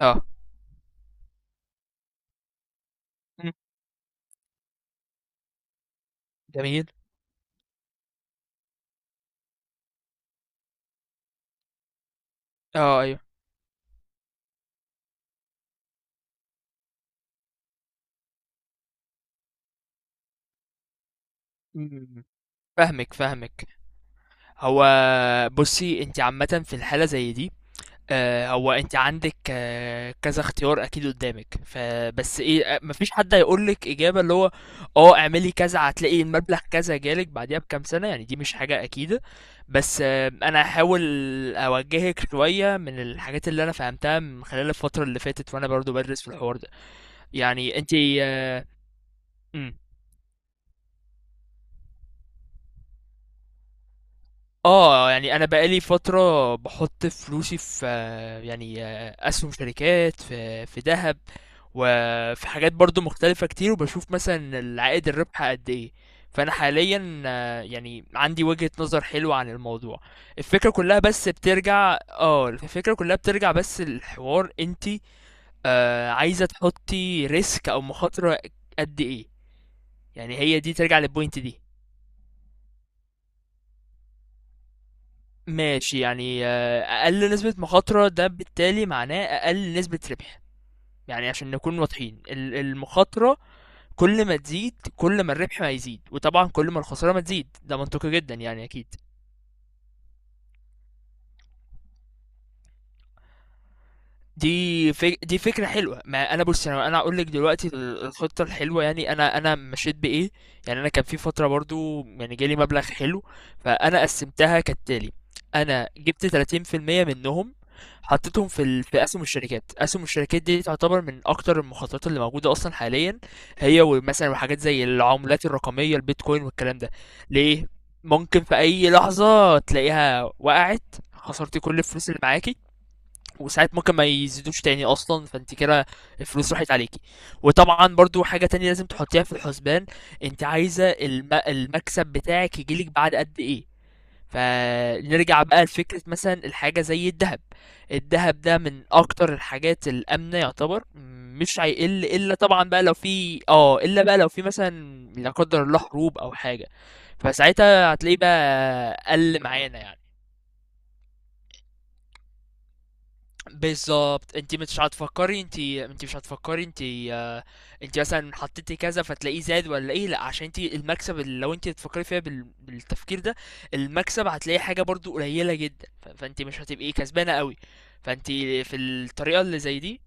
آه، إمم، جميل. أيوه. إمم، فاهمِك، فاهمِك. هو بُصّي، أنتِ عامةً في الحالة زي دي، هو أنتِ عندِك كذا اختيار أكيد قدّامِك، فبس إيه، أ ما فيش حد هيقول لِك إجابة اللي هو اعملي كذا هتلاقي المبلغ كذا جالِك بعديها بكام سنة، يعني دي مش حاجة أكيدة. بس أنا هاحاول أوجّهِك شوية من الحاجات اللي أنا فهمتها من خلال الفترة اللي فاتت وأنا برضه بادرس في الحوار ده. يعني أنتِ إمم. اه يعني انا بقالي فتره بحط فلوسي في يعني اسهم شركات في ذهب وفي حاجات برضو مختلفه كتير، وبشوف مثلا العائد الربح قد ايه. فانا حاليا يعني عندي وجهه نظر حلوه عن الموضوع. الفكره كلها بس بترجع اه الفكره كلها بترجع بس الحوار انتي عايزه تحطي ريسك او مخاطره قد ايه. يعني هي دي ترجع للبوينت دي. ماشي، يعني اقل نسبة مخاطرة ده بالتالي معناه اقل نسبة ربح. يعني عشان نكون واضحين المخاطرة كل ما تزيد كل ما الربح ما يزيد، وطبعا كل ما الخسارة ما تزيد، ده منطقي جدا يعني اكيد. دي فكرة حلوة. ما انا بص، انا اقول لك دلوقتي الخطة الحلوة، يعني انا مشيت بايه. يعني انا كان في فترة برضو يعني جالي مبلغ حلو، فانا قسمتها كالتالي. انا جبت 30% منهم، في اسهم الشركات. اسهم الشركات دي تعتبر من اكتر المخاطرات اللي موجودة اصلا حاليا، هي ومثلا وحاجات زي العملات الرقمية البيتكوين والكلام ده. ليه؟ ممكن في اي لحظة تلاقيها وقعت، خسرتي كل الفلوس اللي معاكي. وساعات ممكن ما يزيدوش تاني اصلا، فانت كده الفلوس راحت عليكي. وطبعا برضو حاجة تانية لازم تحطيها في الحسبان، انت عايزة المكسب بتاعك يجيلك بعد قد ايه. فنرجع بقى لفكرة مثلا الحاجة زي الذهب. الذهب ده من اكتر الحاجات الامنة يعتبر، مش هيقل الا طبعا بقى لو في الا بقى لو في مثلا لا قدر الله حروب او حاجة، فساعتها هتلاقيه بقى قل معانا يعني. بالظبط، انت مش هتفكري انت آه، انت مثلا حطيتي كذا فتلاقيه زاد ولا ايه، لا عشان انت المكسب اللي لو انت بتفكري فيها بالتفكير ده المكسب هتلاقي حاجه برضو قليله جدا، فانت مش هتبقي كسبانه قوي. فانت في الطريقه اللي زي دي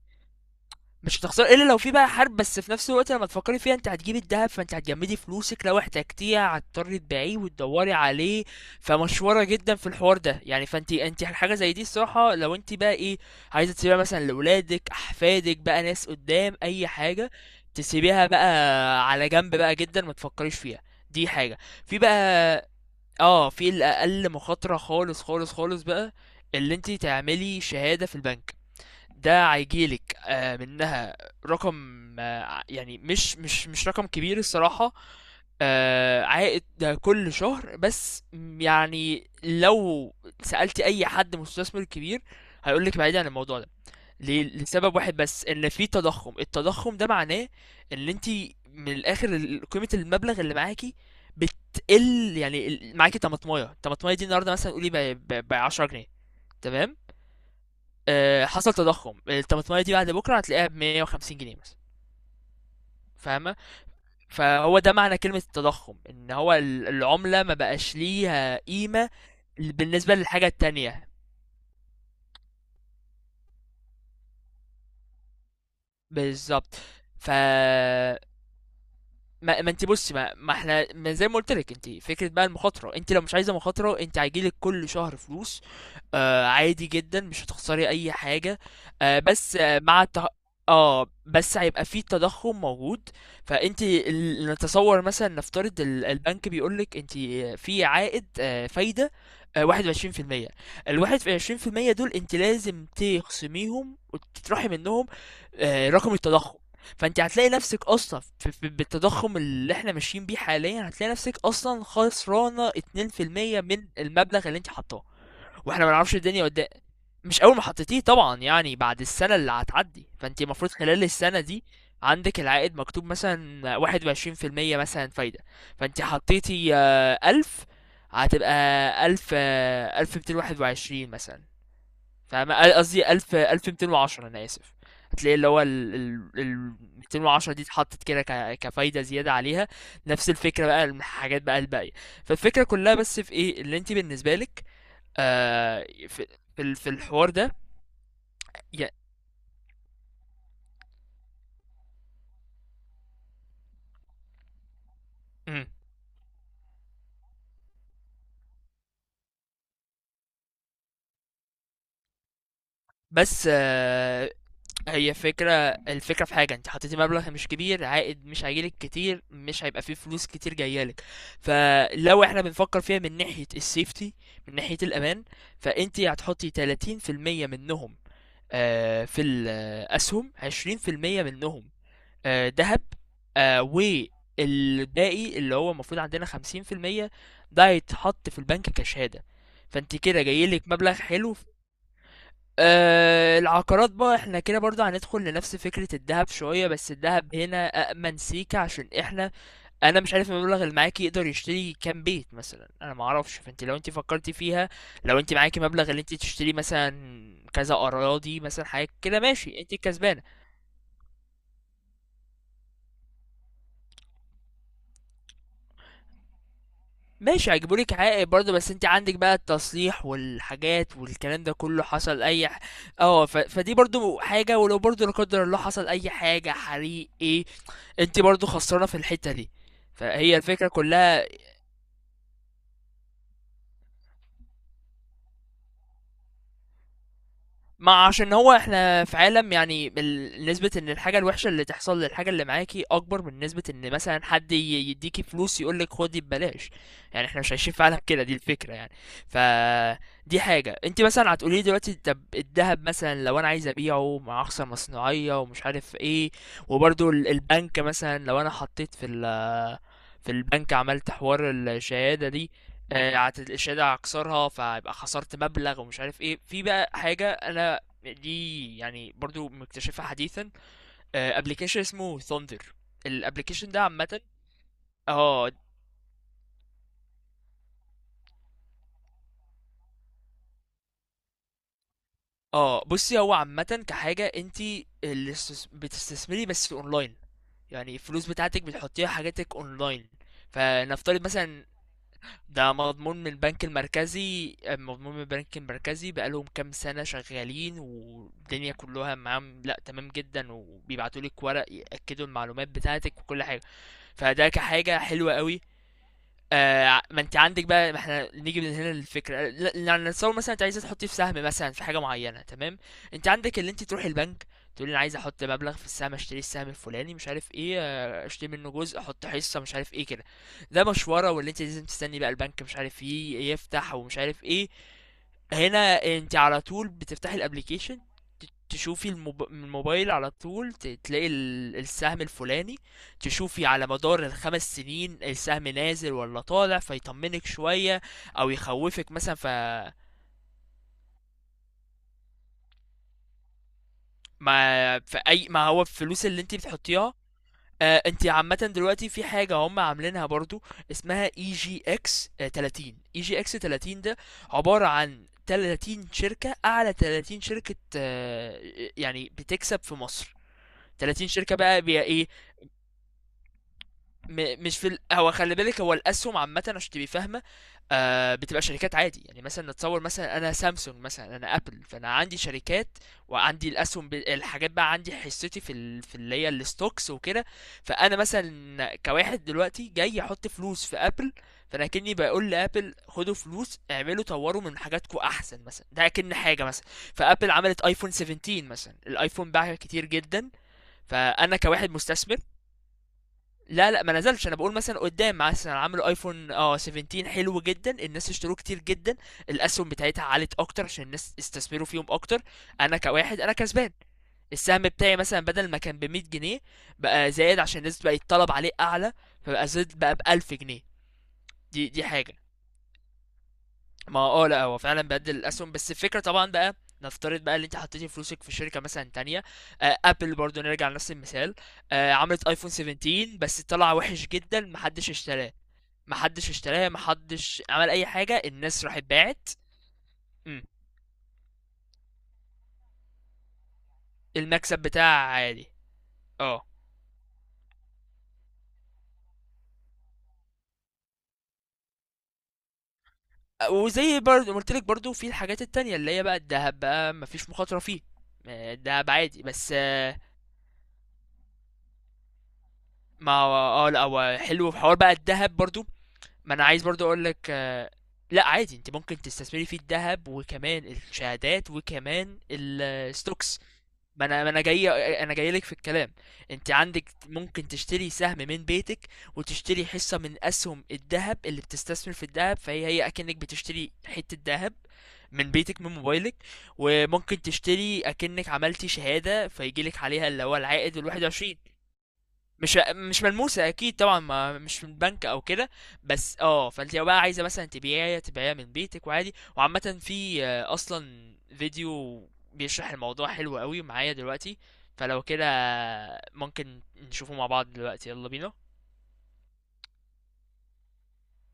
مش هتخسر الا لو في بقى حرب، بس في نفس الوقت لما تفكري فيها، انت هتجيبي الذهب فانت هتجمدي فلوسك، لو احتجتيها هتضطري تبيعيه وتدوري عليه. فمشوره جدا في الحوار ده يعني. فانت حاجه زي دي الصراحه لو انت بقى ايه عايزه تسيبيها مثلا لاولادك احفادك بقى ناس قدام اي حاجه، تسيبيها بقى على جنب بقى جدا ما تفكريش فيها. دي حاجه. في بقى اه في الاقل مخاطره خالص خالص خالص بقى، اللي انت تعملي شهاده في البنك. ده هيجيلك منها رقم، يعني مش رقم كبير الصراحة. عائد ده كل شهر، بس يعني لو سألت أي حد مستثمر كبير هيقولك بعيد عن الموضوع ده. ليه؟ لسبب واحد بس، إن في تضخم. التضخم ده معناه إن أنت من الآخر قيمة المبلغ اللي معاكي بتقل. يعني معاكي طماطماية، الطماطماية دي النهاردة مثلا قولي ب 10 جنيه، تمام؟ حصل تضخم، الطماطمايه دي بعد بكره هتلاقيها ب 150 جنيه مثلا. فاهمه؟ فهو ده معنى كلمه التضخم، ان هو العمله ما بقاش ليها قيمه. بالنسبه للحاجه التانية، بالظبط. ف ما, ما انت بصي، ما, ما احنا ما زي ما قلت لك، انت فكره بقى المخاطره، انت لو مش عايزه مخاطره، انت هيجيلك كل شهر فلوس آه، عادي جدا مش هتخسري أي حاجة. آه، بس اه بس هيبقى فيه تضخم موجود. فانت نتصور مثلا نفترض البنك بيقولك انت في عائد فايدة 21%. الواحد في عشرين في المية دول انت لازم تخصميهم وتطرحي منهم رقم التضخم. فانت هتلاقي نفسك اصلا بالتضخم اللي احنا ماشيين بيه حاليا، هتلاقي نفسك اصلا خسرانة اتنين في المية من المبلغ اللي انت حطاه. واحنا ما نعرفش الدنيا قدام. مش اول ما حطيتيه طبعا، يعني بعد السنه اللي هتعدي، فانت المفروض خلال السنه دي عندك العائد مكتوب مثلا واحد وعشرين في المية مثلا فايدة، فانت حطيتي ألف، هتبقى ألف ميتين واحد وعشرين مثلا. فاهمة؟ قصدي ألف ميتين وعشرة، أنا آسف. هتلاقي اللي هو ال ال ال 210 دي اتحطت كده كفايدة زيادة عليها. نفس الفكرة بقى الحاجات بقى الباقية. فالفكرة كلها بس في ايه اللي انت بالنسبة لك آه في في في الحوار ده. يا مم. بس آه، هي فكرة. الفكرة في حاجة، انت حطيتي مبلغ مش كبير، عائد مش هيجيلك كتير، مش هيبقى فيه فلوس كتير جايالك. فلو احنا بنفكر فيها من ناحية السيفتي، من ناحية الأمان، فانت هتحطي 30% منهم آه في الأسهم، 20% منهم دهب، والباقي اللي هو المفروض عندنا 50% ده هيتحط في البنك كشهادة. فانت كده جايلك مبلغ حلو. آه، العقارات بقى، احنا كده برضه هندخل لنفس فكرة الذهب شوية، بس الذهب هنا أأمن سيكة عشان احنا، انا مش عارف المبلغ اللي معاكي يقدر يشتري كام بيت مثلا، انا ما اعرفش. فانت لو انت فكرتي فيها، لو انت معاكي مبلغ اللي انت تشتري مثلا كذا اراضي مثلا حاجة كده، ماشي، انت الكسبانة. ماشي هيجيبوا لك عائد برضه، بس انت عندك بقى التصليح والحاجات والكلام ده كله، حصل اي اه فدي برضه حاجه، ولو برضه لا قدر الله حصل اي حاجه حريق ايه، انت برضه خسرانه في الحته دي. فهي الفكره كلها. ما عشان هو احنا في عالم، يعني نسبة ان الحاجة الوحشة اللي تحصل للحاجة اللي معاكي اكبر من نسبة ان مثلا حد يديكي فلوس يقولك خدي ببلاش، يعني احنا مش عايشين في عالم كده، دي الفكرة يعني. ف دي حاجة. انت مثلا هتقولي لي دلوقتي، طب الذهب مثلا لو انا عايز ابيعه، مع اخصى مصنوعية ومش عارف ايه، وبرضو البنك مثلا لو انا حطيت في في البنك، عملت حوار الشهادة دي الشهادة هكسرها فيبقى خسرت مبلغ ومش عارف ايه. في بقى حاجة انا دي يعني برضو مكتشفها حديثا، ابلكيشن اسمه ثاندر. الابلكيشن ده عامة، اه اه بصي، هو عامة كحاجة انت اللي بتستثمري بس في اونلاين، يعني الفلوس بتاعتك بتحطيها حاجاتك اونلاين. فنفترض مثلا، ده مضمون من البنك المركزي، مضمون من البنك المركزي، بقالهم كام سنة شغالين والدنيا كلها معاهم، لا تمام جدا، وبيبعتوا لك ورق يأكدوا المعلومات بتاعتك وكل حاجة. فده كحاجة حلوة قوي. آه، ما انت عندك بقى، ما احنا نيجي من هنا للفكره يعني نتصور مثلا انت عايزه تحطي في سهم مثلا في حاجه معينه، تمام. انت عندك اللي انت تروحي البنك تقولي انا عايز احط مبلغ في السهم، اشتري السهم الفلاني مش عارف ايه، اشتري منه جزء، احط حصه مش عارف ايه كده. ده مشوره، واللي انت لازم تستني بقى البنك مش عارف ايه يفتح ومش عارف ايه. هنا انت على طول بتفتحي الابليكيشن، من الموبايل على طول تلاقي السهم الفلاني، تشوفي على مدار الخمس سنين السهم نازل ولا طالع فيطمنك شوية او يخوفك مثلا. ف ما في اي ما هو الفلوس اللي انت بتحطيها آه، انت عامة دلوقتي في حاجة هم عاملينها برضو اسمها اي جي اكس 30. اي جي اكس 30 ده عبارة عن 30 شركة، اعلى 30 شركة آه، يعني بتكسب في مصر، 30 شركة بقى بي ايه. م مش في ال هو خلي بالك، هو الاسهم عامه عشان تبقي فاهمه آه، بتبقى شركات عادي، يعني مثلا نتصور مثلا انا سامسونج مثلا، انا ابل، فانا عندي شركات وعندي الاسهم الحاجات بقى، عندي حصتي في اللي هي الستوكس وكده. فانا مثلا كواحد دلوقتي جاي احط فلوس في ابل، فانا كني بقول لابل خدوا فلوس اعملوا طوروا من حاجاتكم احسن مثلا، ده كأن حاجه مثلا. فابل عملت ايفون 17 مثلا، الايفون باع كتير جدا، فانا كواحد مستثمر. لا لا ما نزلش، انا بقول مثلا قدام، مثلا عملوا ايفون 17 حلو جدا، الناس اشتروه كتير جدا، الاسهم بتاعتها عالت اكتر عشان الناس استثمروا فيهم اكتر، انا كواحد انا كسبان. السهم بتاعي مثلا بدل ما كان ب 100 جنيه، بقى زايد عشان الناس بقى الطلب عليه اعلى، فبقى زاد بقى ب 1000 جنيه. دي حاجه. ما اه لا هو فعلا بدل الاسهم، بس الفكره طبعا بقى نفترض بقى اللي انت حطيتي فلوسك في شركه مثلا تانية، ابل برضو نرجع لنفس المثال، عملت ايفون 17 بس طلع وحش جدا، محدش اشتراه، محدش اشتراها، محدش عمل اي حاجه، الناس راحت باعت. امم، المكسب بتاعها عالي اه. وزي برضه قلت لك، برضه في الحاجات التانية اللي هي بقى الذهب بقى مفيش مخاطره فيه الذهب عادي بس آه، ما هو اه لا هو حلو في حوار بقى الذهب برضو. ما انا عايز برضو اقول لك لا عادي انت ممكن تستثمري في الذهب وكمان الشهادات وكمان الستوكس. ما انا ما انا جاي انا جاي لك في الكلام، انت عندك ممكن تشتري سهم من بيتك، وتشتري حصة من اسهم الذهب اللي بتستثمر في الذهب، فهي هي اكنك بتشتري حتة ذهب من بيتك من موبايلك. وممكن تشتري اكنك عملتي شهادة فيجيلك عليها اللي هو العائد الواحد وعشرين، مش ملموسة أكيد طبعا، ما مش من بنك أو كده، بس اه. فانت لو بقى عايزة مثلا تبيعيها، تبيعيها من بيتك وعادي. وعامة في أصلا فيديو بيشرح الموضوع حلو قوي معايا دلوقتي، فلو كده ممكن نشوفه مع بعض دلوقتي، يلا بينا.